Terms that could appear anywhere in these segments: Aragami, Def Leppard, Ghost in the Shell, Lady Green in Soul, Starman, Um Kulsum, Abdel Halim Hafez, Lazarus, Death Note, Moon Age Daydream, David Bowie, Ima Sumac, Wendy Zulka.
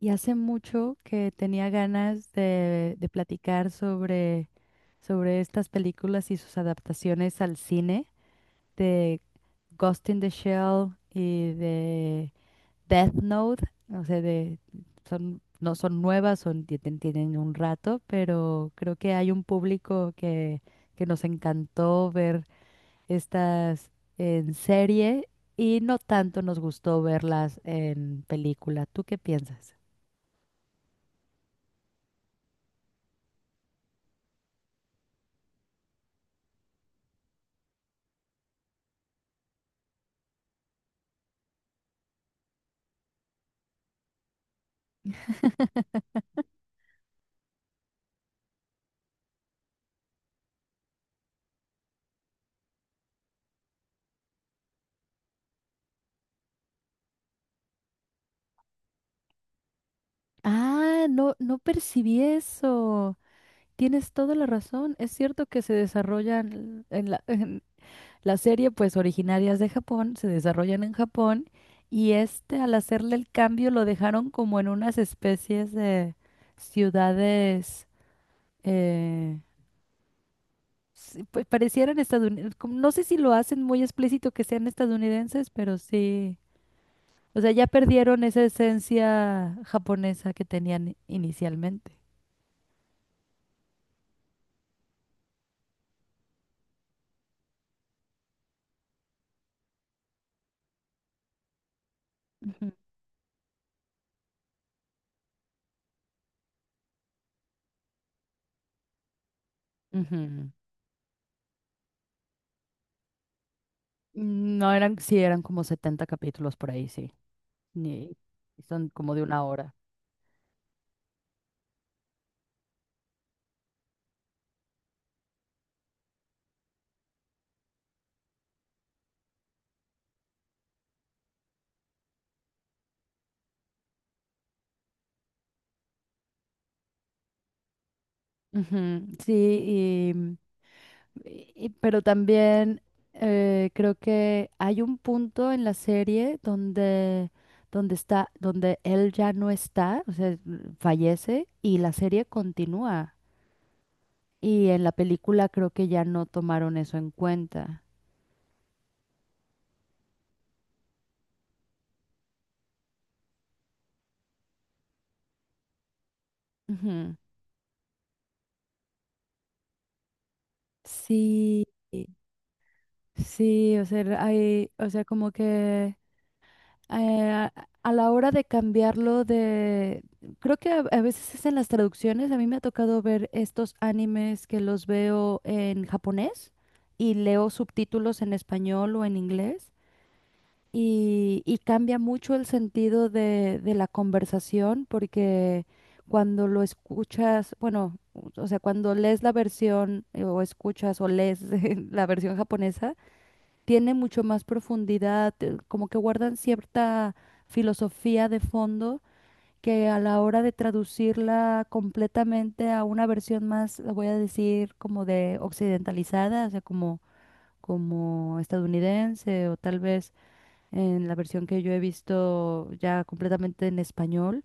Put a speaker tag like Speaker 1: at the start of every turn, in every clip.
Speaker 1: Y hace mucho que tenía ganas de platicar sobre estas películas y sus adaptaciones al cine, de Ghost in the Shell y de Death Note. O sea, no son nuevas, tienen un rato, pero creo que hay un público que nos encantó ver estas en serie y no tanto nos gustó verlas en película. ¿Tú qué piensas? Ah, no, no percibí eso. Tienes toda la razón. Es cierto que se desarrollan en la, en la serie, pues originarias de Japón, se desarrollan en Japón y este al hacerle el cambio lo dejaron como en unas especies de ciudades, eh, sí, pues parecieran estadounidenses. No sé si lo hacen muy explícito que sean estadounidenses, pero sí. O sea, ya perdieron esa esencia japonesa que tenían inicialmente. Ujú, ujú. No eran, sí, eran como 70 capítulos por ahí, sí. Ni- y son como de una hora. Ujú, sí, y, pero también creo que hay un punto en la serie donde él ya no está, o sea, fallece y la serie continúa. Y en la película creo que ya no tomaron eso en cuenta. Ujú. Sí, sí, o sea, o sea, como que eh, a la hora de cambiarlo de... Creo que a veces es en las traducciones. A mí me ha tocado ver estos animes que los veo en japonés y leo subtítulos en español o en inglés. Y cambia mucho el sentido de la conversación porque cuando lo escuchas, bueno, o sea, cuando lees la versión o escuchas o lees la versión japonesa, tiene mucho más profundidad, como que guardan cierta filosofía de fondo que a la hora de traducirla completamente a una versión más, lo voy a decir, como de occidentalizada, o sea, como, como estadounidense o tal vez en la versión que yo he visto ya completamente en español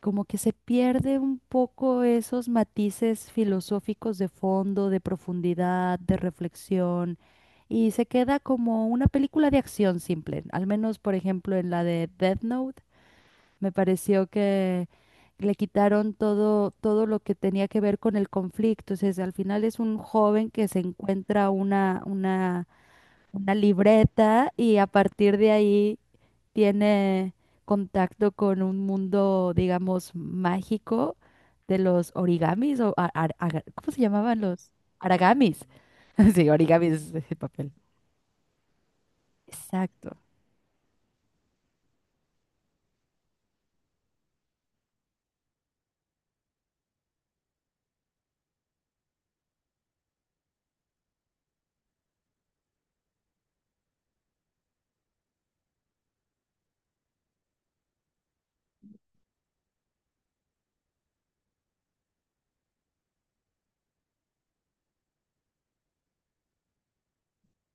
Speaker 1: como que se pierde un poco esos matices filosóficos de fondo, de profundidad, de reflexión, y se queda como una película de acción simple. Al menos, por ejemplo, en la de Death Note, me pareció que le quitaron todo, todo lo que tenía que ver con el conflicto. O al final es un joven que se encuentra una libreta y a partir de ahí tiene contacto con un mundo, digamos, mágico de los origamis o ¿cómo se llamaban los? Aragamis. Sí, origamis es el papel. Exacto.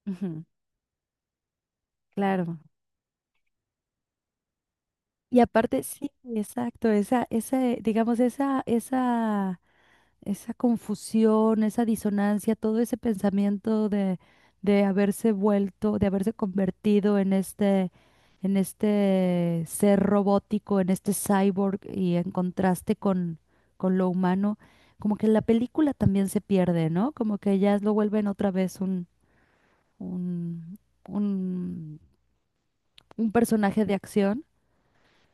Speaker 1: Ujú, claro. Y aparte, sí, exacto, digamos, esa confusión, esa disonancia, todo ese pensamiento de haberse vuelto, de haberse convertido en este ser robótico, en este cyborg y en contraste con lo humano, como que la película también se pierde, ¿no? Como que ya lo vuelven otra vez un, un, un personaje de acción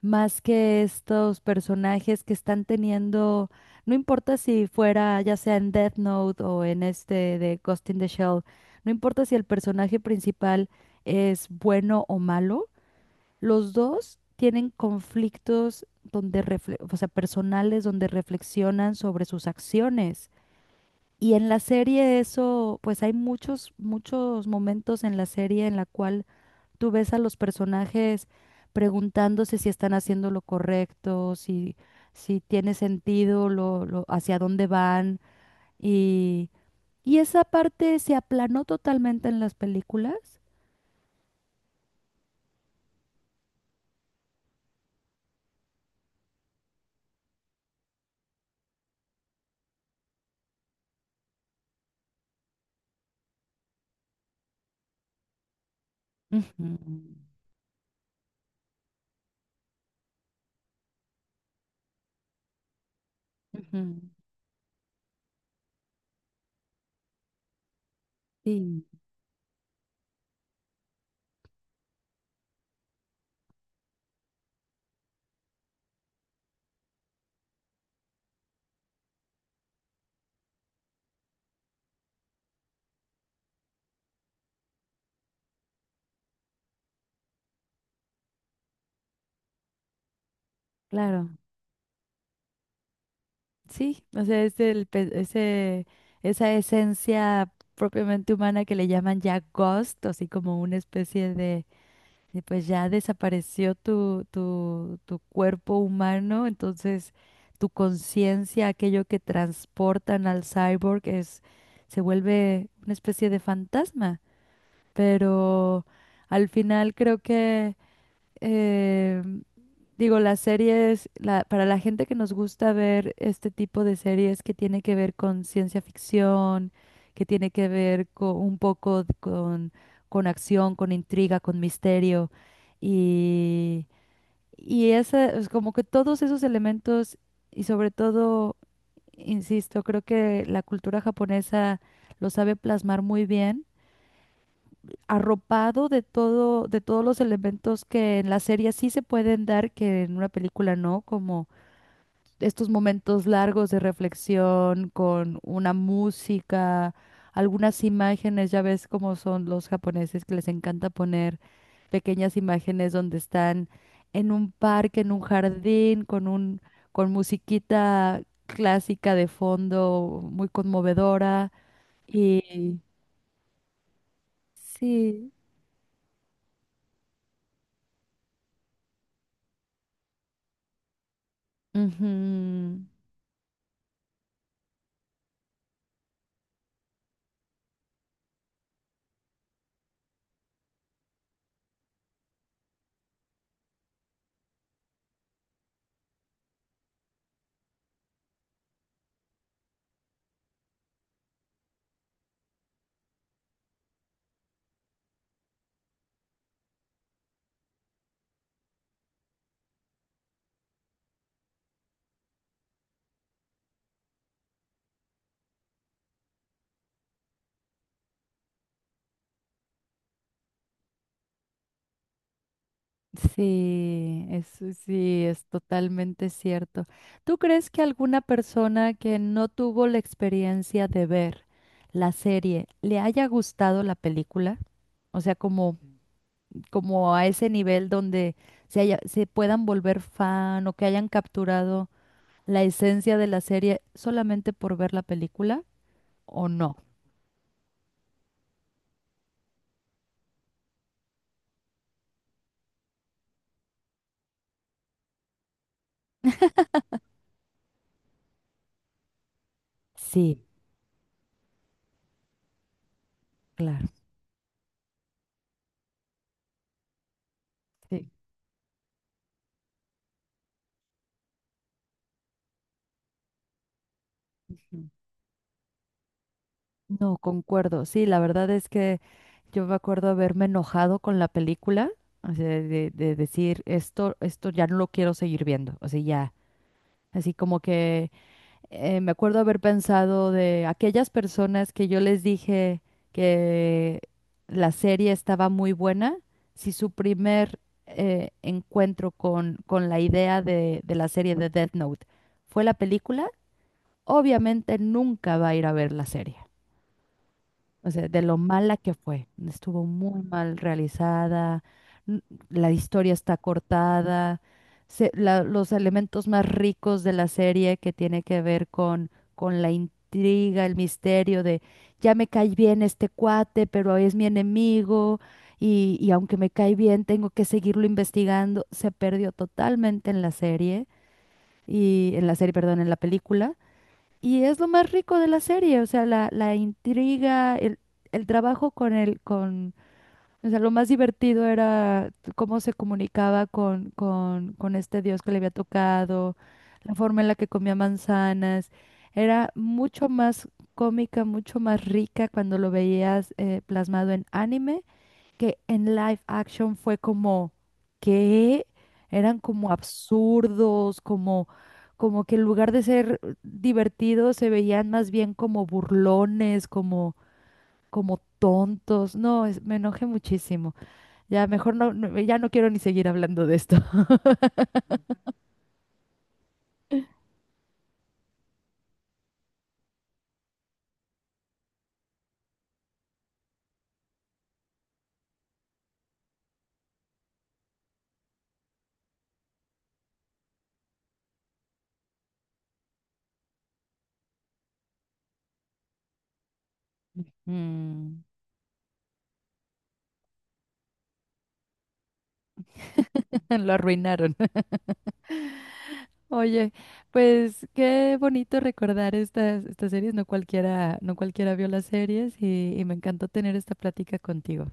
Speaker 1: más que estos personajes que están teniendo, no importa si fuera ya sea en Death Note o en este de Ghost in the Shell, no importa si el personaje principal es bueno o malo, los dos tienen conflictos donde o sea, personales donde reflexionan sobre sus acciones. Y en la serie eso, pues hay muchos, muchos momentos en la serie en la cual tú ves a los personajes preguntándose si están haciendo lo correcto, si, si tiene sentido hacia dónde van. Y, y esa parte se aplanó totalmente en las películas. Ujú, ujú. Sí, claro. Sí, o sea, es esa esencia propiamente humana que le llaman ya ghost, así como una especie de. Y pues ya desapareció tu cuerpo humano, entonces tu conciencia, aquello que transportan al cyborg, es, se vuelve una especie de fantasma. Pero al final creo que eh, digo, las series, para la gente que nos gusta ver este tipo de series que tiene que ver con ciencia ficción, que tiene que ver con, un poco con acción, con intriga, con misterio, y, y esa, es como que todos esos elementos, y sobre todo, insisto, creo que la cultura japonesa lo sabe plasmar muy bien arropado de todo, de todos los elementos que en la serie sí se pueden dar, que en una película no, como estos momentos largos de reflexión con una música, algunas imágenes, ya ves cómo son los japoneses que les encanta poner pequeñas imágenes donde están en un parque, en un jardín, con musiquita clásica de fondo, muy conmovedora y sí. Ujú. Sí, eso sí, es totalmente cierto. ¿Tú crees que alguna persona que no tuvo la experiencia de ver la serie le haya gustado la película? O sea, como a ese nivel donde se puedan volver fan o que hayan capturado la esencia de la serie solamente por ver la película, ¿o no? Sí, claro. Sí. No, concuerdo. Sí, la verdad es que yo me acuerdo haberme enojado con la película, o sea, de decir, esto ya no lo quiero seguir viendo, o sea, ya. Así como que me acuerdo haber pensado de aquellas personas que yo les dije que la serie estaba muy buena, si su primer encuentro con la idea de la serie de Death Note fue la película, obviamente nunca va a ir a ver la serie. O sea, de lo mala que fue. Estuvo muy mal realizada, n- la historia está cortada, los elementos más ricos de la serie que tiene que ver con la intriga, el misterio de ya me cae bien este cuate, pero es mi enemigo y aunque me cae bien tengo que seguirlo investigando. Se perdió totalmente en la serie y en la serie, perdón, en la película. Y es lo más rico de la serie, o sea, la intriga, el trabajo o sea, lo más divertido era cómo se comunicaba con este dios que le había tocado, la forma en la que comía manzanas, era mucho más cómica, mucho más rica cuando lo veías plasmado en anime que en live action fue como que eran como absurdos, como, que en lugar de ser divertidos se veían más bien como burlones, como, como tontos. No, me enojé muchísimo. Ya mejor no, ya no quiero ni seguir hablando de esto. Mm. Lo arruinaron. Oye, pues qué bonito recordar estas series. No cualquiera, no cualquiera vio las series y me encantó tener esta plática contigo.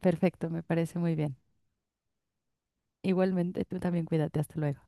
Speaker 1: Perfecto, me parece muy bien. Igualmente, tú también cuídate. Hasta luego.